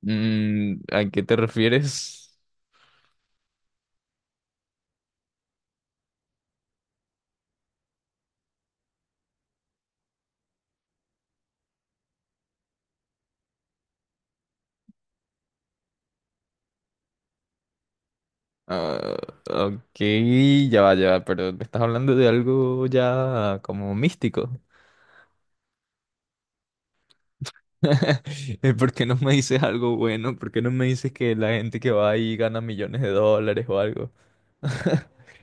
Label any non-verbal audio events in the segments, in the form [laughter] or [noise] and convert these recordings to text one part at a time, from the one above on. Mm, ¿a qué te refieres? Ah, ok, ya va, pero me estás hablando de algo ya como místico. [laughs] ¿Por qué no me dices algo bueno? ¿Por qué no me dices que la gente que va ahí gana millones de dólares o algo? [laughs]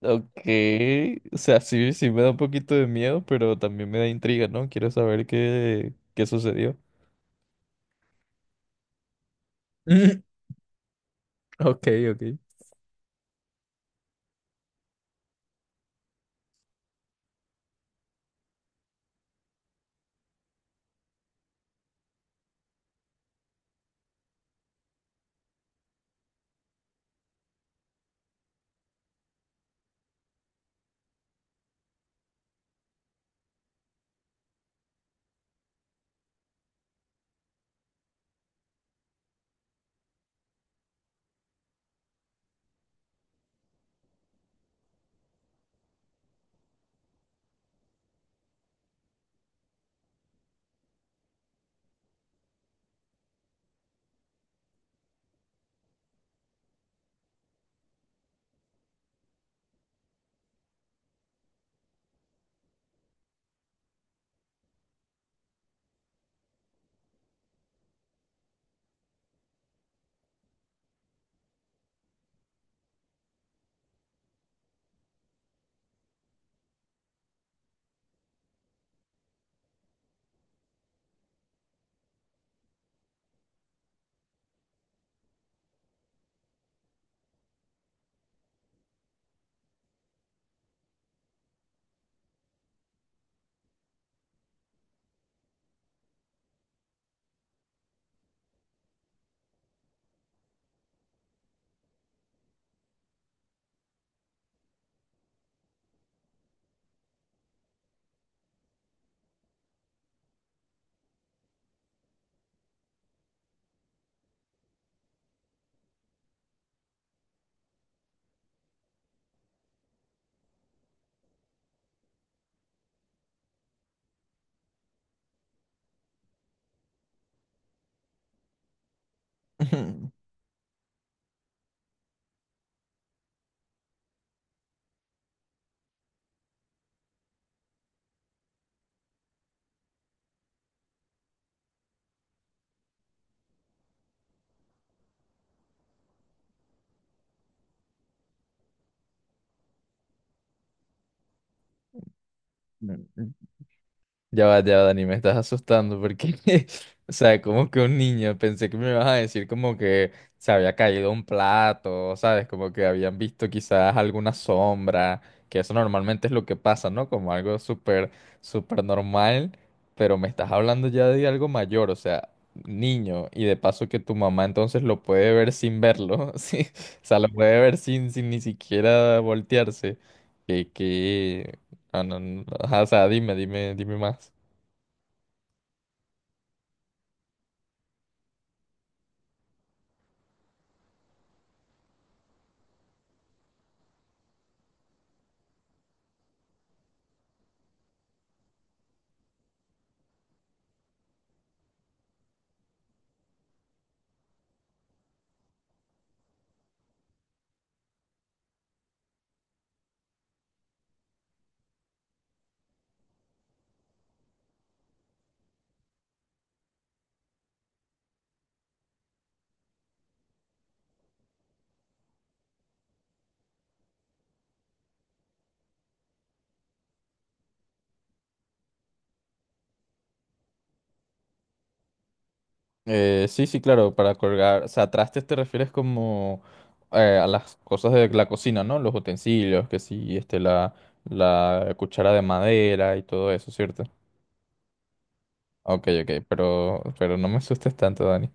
Ok, o sea, sí me da un poquito de miedo, pero también me da intriga, ¿no? Quiero saber qué sucedió. [laughs] Ok, ok. [clears throat] Ya va, Dani, me estás asustando porque [laughs] o sea, como que un niño, pensé que me ibas a decir como que se había caído un plato, ¿sabes? Como que habían visto quizás alguna sombra, que eso normalmente es lo que pasa, ¿no? Como algo súper, súper normal, pero me estás hablando ya de algo mayor, o sea, niño, y de paso que tu mamá entonces lo puede ver sin verlo, [laughs] ¿sí? O sea, lo puede ver sin ni siquiera voltearse. Que... Ah, no, no, ajá, o sea, dime más. Sí, sí, claro, para colgar, o sea, trastes te refieres como a las cosas de la cocina, ¿no? Los utensilios, que sí, este, la cuchara de madera y todo eso, ¿cierto? Ok, ok, pero no me asustes tanto, Dani.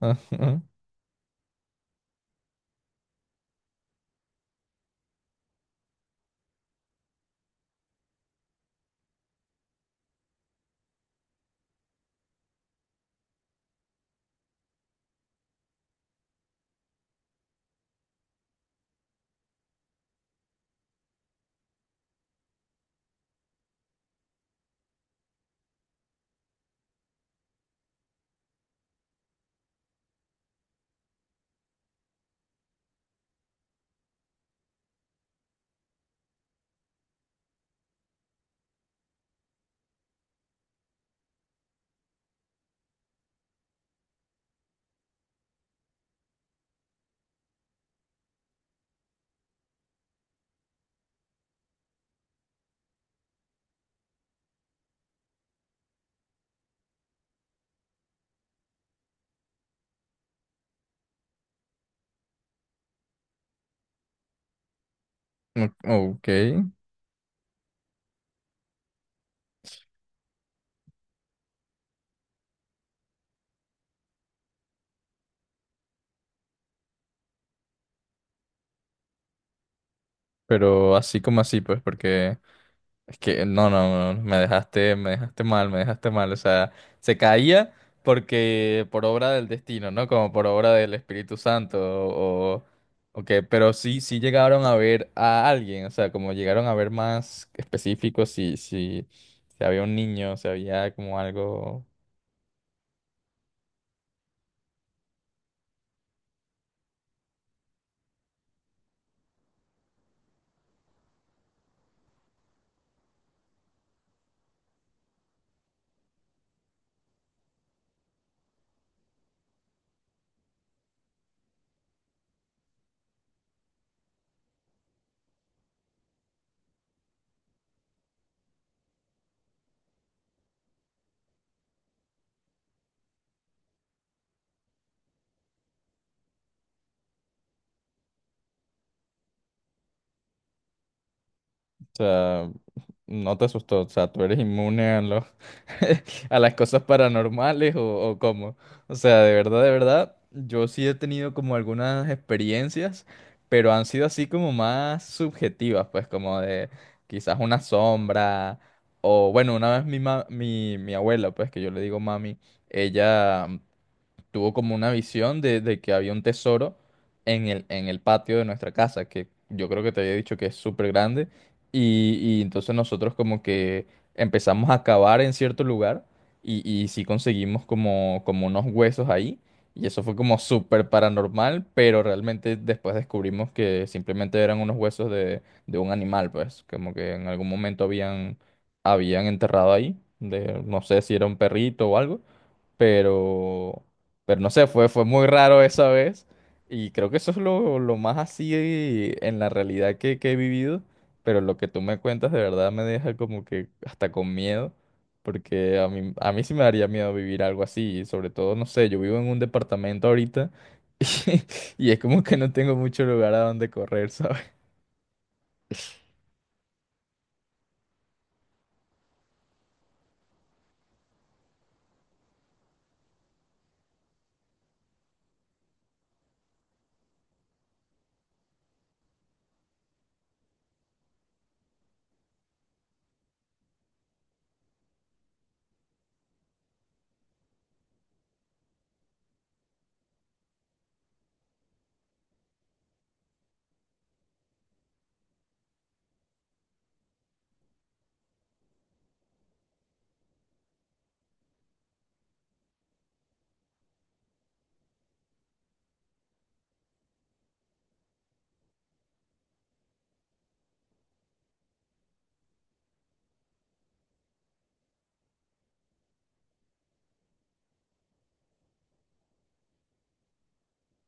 [laughs] Ok, pero así como así, pues, porque... Es que no, no, no, no, me dejaste mal, me dejaste mal. O sea, se caía porque por obra del destino, ¿no? Como por obra del Espíritu Santo o qué, pero sí llegaron a ver a alguien, o sea, como llegaron a ver más específicos si había un niño, si había como algo, o sea. No te asustó, o sea, tú eres inmune a los, [laughs] a las cosas paranormales o cómo. O sea, de verdad, yo sí he tenido como algunas experiencias, pero han sido así como más subjetivas, pues como de quizás una sombra o bueno, una vez mi abuela, pues que yo le digo mami, ella tuvo como una visión de que había un tesoro en en el patio de nuestra casa, que yo creo que te había dicho que es súper grande. Y entonces nosotros como que empezamos a cavar en cierto lugar y sí conseguimos como, como unos huesos ahí. Y eso fue como súper paranormal, pero realmente después descubrimos que simplemente eran unos huesos de un animal, pues, como que en algún momento habían enterrado ahí, de, no sé si era un perrito o algo. Pero, pero no sé, fue muy raro esa vez. Y creo que eso es lo más así en la realidad que he vivido. Pero lo que tú me cuentas de verdad me deja como que hasta con miedo. Porque a mí sí me daría miedo vivir algo así. Y sobre todo, no sé, yo vivo en un departamento ahorita. [laughs] Y, y es como que no tengo mucho lugar a donde correr, ¿sabes?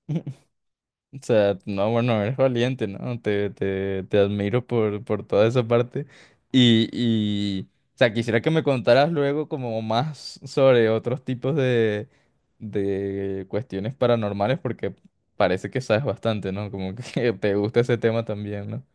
[laughs] O sea, no, bueno, eres valiente, ¿no? Te admiro por toda esa parte. Y, o sea, quisiera que me contaras luego como más sobre otros tipos de cuestiones paranormales, porque parece que sabes bastante, ¿no? Como que [laughs] te gusta ese tema también, ¿no?